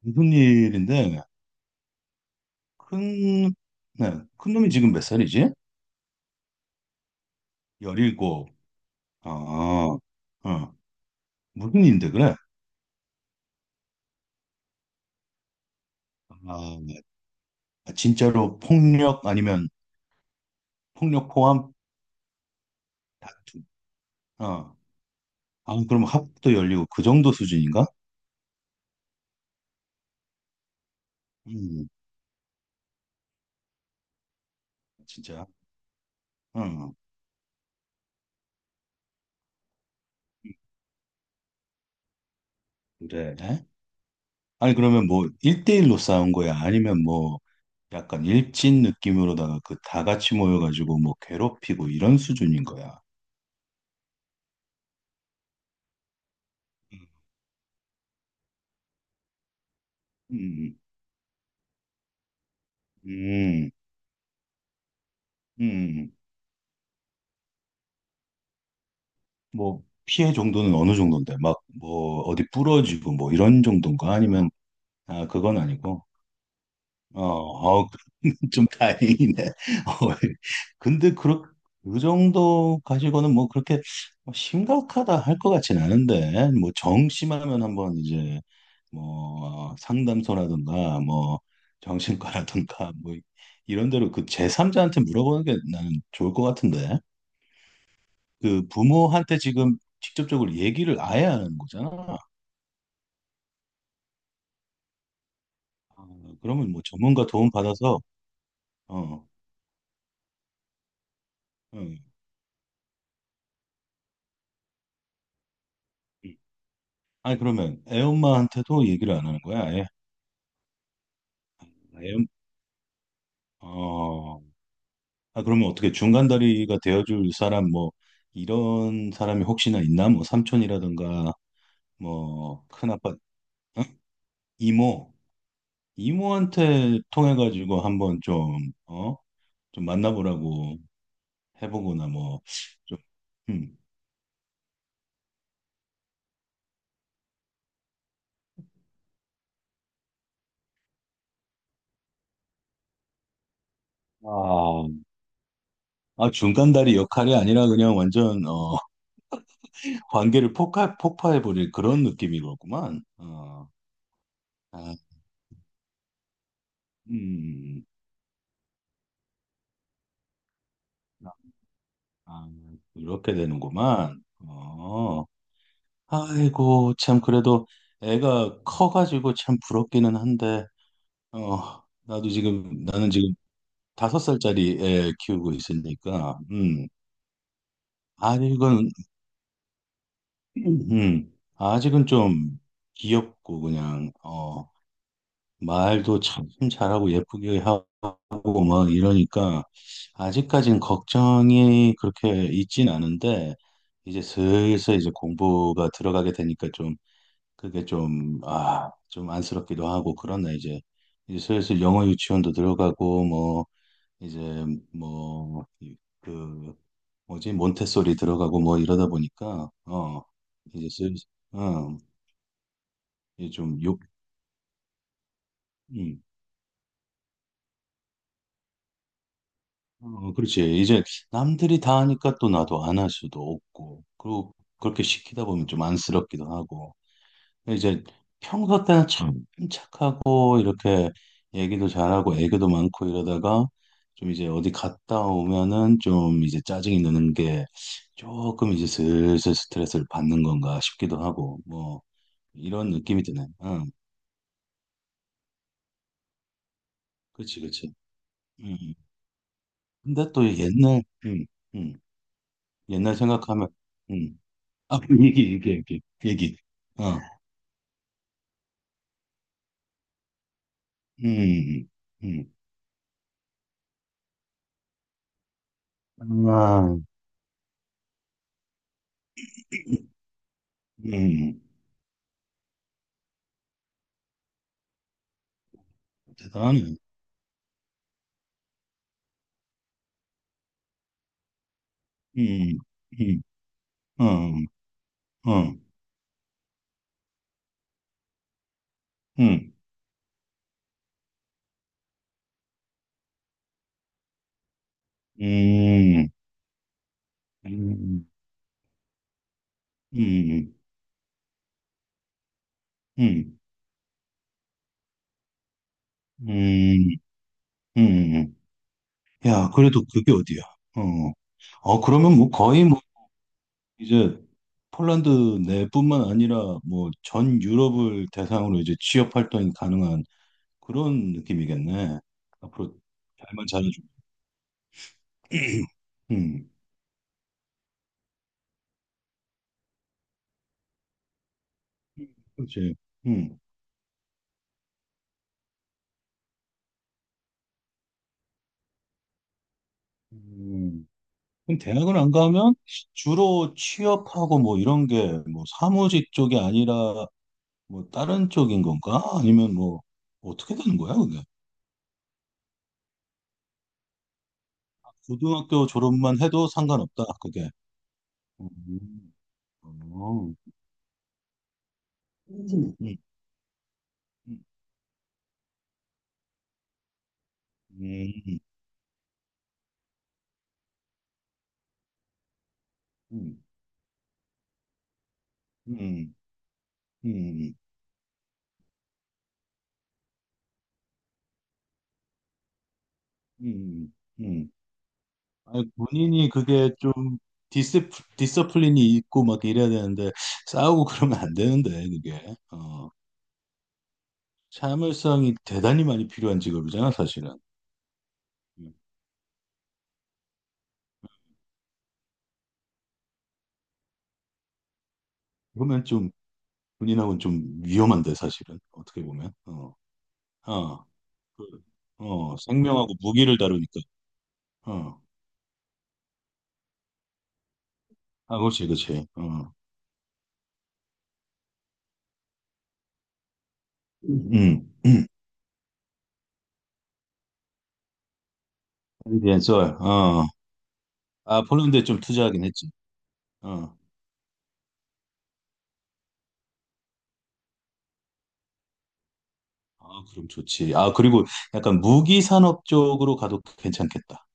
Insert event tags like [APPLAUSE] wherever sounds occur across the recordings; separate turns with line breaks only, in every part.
무슨 일인데? 큰, 네, 큰 놈이 지금 몇 살이지? 17. 아, 어, 무슨 일인데 그래? 아, 네. 아, 진짜로 폭력 아니면 폭력 포함 다툼. 어, 아, 그럼 학도 열리고 그 정도 수준인가? 음, 진짜. 음, 그래. 아니, 그러면 뭐, 일대일로 싸운 거야? 아니면 뭐, 약간 일진 느낌으로다가 그 다 같이 모여가지고 뭐 괴롭히고 이런 수준인 거야? 음, 음. 음. 음, 뭐, 피해 정도는 어느 정도인데, 막, 뭐, 어디 부러지고, 뭐, 이런 정도인가? 아니면, 아, 그건 아니고, 어, 어, [LAUGHS] 좀 다행이네. 어, 예. 근데, 그, 그 정도 가지고는 뭐, 그렇게 뭐 심각하다 할 것 같진 않은데, 뭐, 정심하면 한번 이제, 뭐, 어, 상담소라든가, 뭐, 정신과라든가, 뭐, 이런 데로 그 제3자한테 물어보는 게 나는 좋을 것 같은데. 그 부모한테 지금 직접적으로 얘기를 아예 안 하는 거잖아. 어, 그러면 뭐 전문가 도움 받아서. 어, 음. 아니 그러면 애엄마한테도 얘기를 안 하는 거야, 아예? 애엄 어, 아, 그러면 어떻게 중간다리가 되어줄 사람, 뭐 이런 사람이 혹시나 있나? 뭐 삼촌이라든가 뭐 큰아빠, 어? 이모, 이모한테 통해가지고 한번 좀 어, 좀 만나보라고 해보거나 뭐 좀, 음. 아, 아, 중간다리 역할이 아니라 그냥 완전, 어, [LAUGHS] 관계를 폭파해버릴 그런 느낌인 거구만. 어, 아, 음, 아, 이렇게 되는구만. 어, 아이고, 참, 그래도 애가 커가지고 참 부럽기는 한데, 어, 나는 지금 5살짜리 애 키우고 있으니까, 아직은, [CLEARS THROAT] 아직은 좀 귀엽고, 그냥, 어, 말도 참 잘하고 예쁘게 하고 막 이러니까 아직까지는 걱정이 그렇게 있진 않은데 이제 슬슬 공부가 들어가게 되니까 좀, 그게 좀 아, 좀 안쓰럽기도 하고 그러네. 이제 슬슬 영어 유치원도 들어가고 뭐, 이제 뭐 그 뭐지, 몬테소리 들어가고 뭐 이러다 보니까 어 이제 슬슬 어이 좀욕. 어, 그렇지. 이제 남들이 다 하니까 또 나도 안 할 수도 없고, 그리고 그렇게 시키다 보면 좀 안쓰럽기도 하고. 근데 이제 평소 때는 참 착하고, 이렇게 얘기도 잘하고, 애교도 많고 이러다가 좀 이제 어디 갔다 오면은 좀 이제 짜증이 느는 게 조금 이제 슬슬 스트레스를 받는 건가 싶기도 하고, 뭐, 이런 느낌이 드네. 응, 그렇지, 그렇지. 음. 근데 또 옛날, 음, 옛날 생각하면, 음. 아, 얘기. 어, 음, 음, 아, 음, 대단해. 음, 음, 어, 어, 음, 음, 음, 음, 음, 음, 음. 야, 그래도 그게 어디야? 어, 어, 그러면 뭐 거의 뭐 이제 폴란드 내뿐만 아니라 뭐 전 유럽을 대상으로 이제 취업 활동이 가능한 그런 느낌이겠네. 앞으로 잘만 잘해주면. 음. 그렇지. 음. 음. 그럼 대학을 안 가면 주로 취업하고 뭐 이런 게 뭐 사무직 쪽이 아니라 뭐 다른 쪽인 건가? 아니면 뭐 어떻게 되는 거야, 그게? 고등학교 졸업만 해도 상관없다, 그게. 음. 어. 음. 음. 음. 음. 음. 음. 음. 음. 음. 음. 음. 음. 음. 음. 음. 아니, 본인이 그게 좀 디스, 디서플린이 있고 막 이래야 되는데 싸우고 [LAUGHS] 그러면 안 되는데, 그게. 어. 참을성이 대단히 많이 필요한 직업이잖아, 사실은. 음. 그러면 좀 군인하고는 좀 위험한데, 사실은. 어떻게 보면. 어, 어, 그, 어, 생명하고 무기를 다루니까. 어, 아, 그렇지, 그렇지. 어, 음, 음, 썰. 어, 아, 폴란드에 좀 투자하긴 했지. 어, 아, 그럼 좋지. 아, 그리고 약간 무기 산업 쪽으로 가도 괜찮겠다.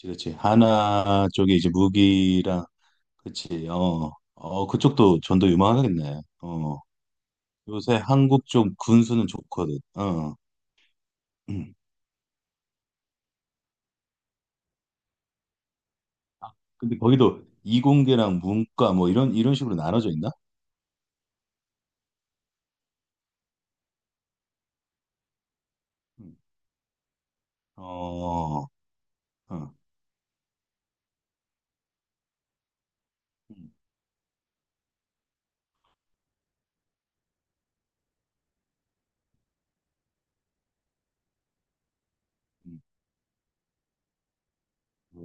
그렇지, 그렇지. 하나 쪽에 이제 무기랑, 그렇지. 어, 어, 그쪽도 전도 유망하겠네. 어. 요새 한국 좀 군수는 좋거든. 어. 음. 아, 근데 거기도 이공계랑 문과 뭐 이런 식으로 나눠져 있나? 음. 어. 어. 음, 음.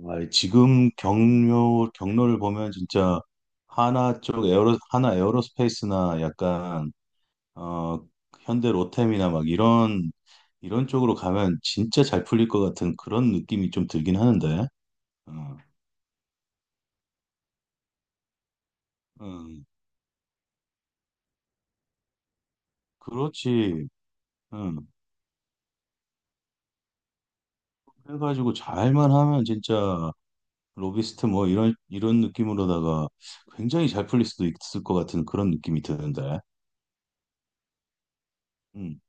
아, 지금 경로 경로를 보면 진짜 하나 쪽 에어로, 하나 에어로스페이스나 약간 어 현대 로템이나 막 이런 쪽으로 가면 진짜 잘 풀릴 것 같은 그런 느낌이 좀 들긴 하는데. 어. 음. 그렇지. 응. 해가지고 잘만 하면 진짜 로비스트 뭐 이런 느낌으로다가 굉장히 잘 풀릴 수도 있을 것 같은 그런 느낌이 드는데. 음,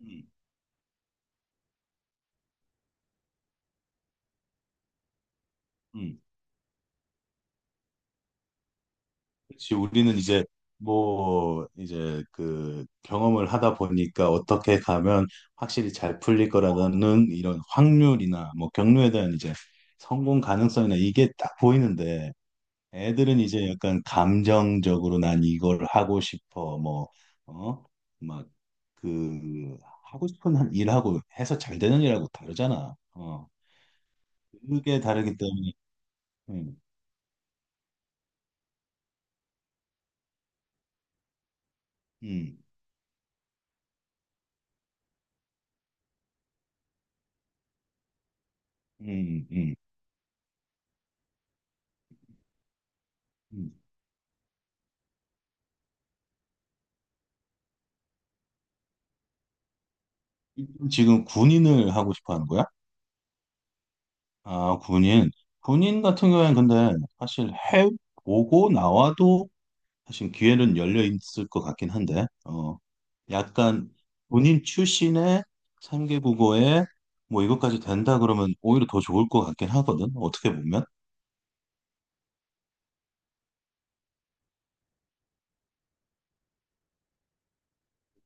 음, 음. 그렇지. 우리는 이제 뭐 이제 그 경험을 하다 보니까 어떻게 가면 확실히 잘 풀릴 거라는 이런 확률이나 뭐 경로에 대한 이제 성공 가능성이나 이게 딱 보이는데 애들은 이제 약간 감정적으로 난 이걸 하고 싶어, 뭐, 어? 막, 그, 하고 싶은 한 일하고 해서 잘 되는 일하고 다르잖아. 어. 그게 다르기 때문에, 음, 음, 음, 음. 음. 지금 군인을 하고 싶어 하는 거야? 아, 군인. 군인 같은 경우에는 근데 사실 해보고 나와도 사실 기회는 열려 있을 것 같긴 한데, 어, 약간 본인 출신의 3개 국어에 뭐 이것까지 된다 그러면 오히려 더 좋을 것 같긴 하거든. 어떻게 보면.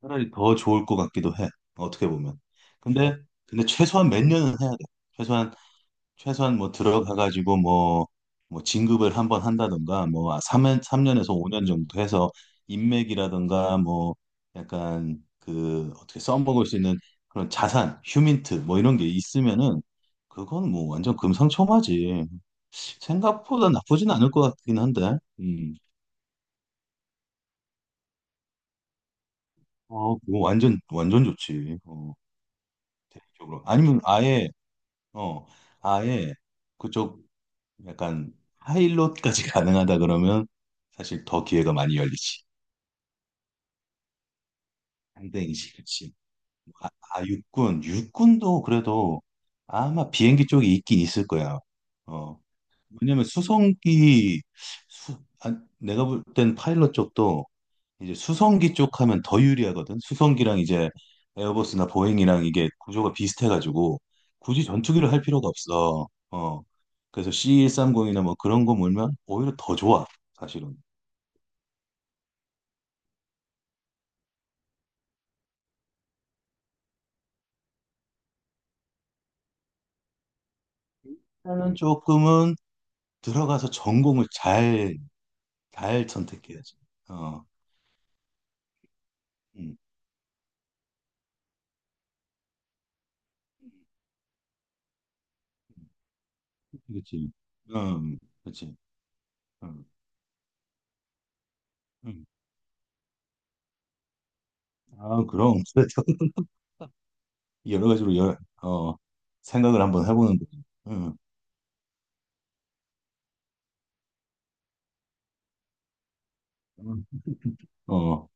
차라리 더 좋을 것 같기도 해. 어떻게 보면. 근데, 근데 최소한 몇 년은 해야 돼. 최소한, 최소한 뭐 들어가가지고 뭐, 뭐 진급을 한번 한다든가 뭐 3년, 년에서 5년 정도 해서 인맥이라든가 뭐 약간 그 어떻게 써먹을 수 있는 그런 자산, 휴민트 뭐 이런 게 있으면은 그건 뭐 완전 금상첨화지. 생각보다 나쁘진 않을 것 같긴 한데. 음. 어, 그거 완전 좋지. 어, 대리적으로. 아니면 아예 어, 아예 그쪽 약간 하이롯까지 [LAUGHS] 가능하다 그러면 사실 더 기회가 많이 열리지. 상대이지, 그렇지. 아, 아, 육군도 그래도 아마 비행기 쪽이 있긴 있을 거야. 어, 왜냐면 수, 아, 내가 볼 땐 파일럿 쪽도 이제 수성기 쪽 하면 더 유리하거든. 수성기랑 이제 에어버스나 보잉이랑 이게 구조가 비슷해가지고 굳이 전투기를 할 필요가 없어. 어. 그래서 C130이나 뭐 그런 거 몰면 오히려 더 좋아. 사실은. 나는 조금은 들어가서 전공을 잘, 잘 선택해야지. 어. 음. 그치. 음. 그치. 음. 음. 아, 그럼. 그래서 [LAUGHS] 여러 가지로 열, 어, 생각을 한번 해보는 거지. 응. 응. 어,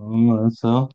응, 알았어.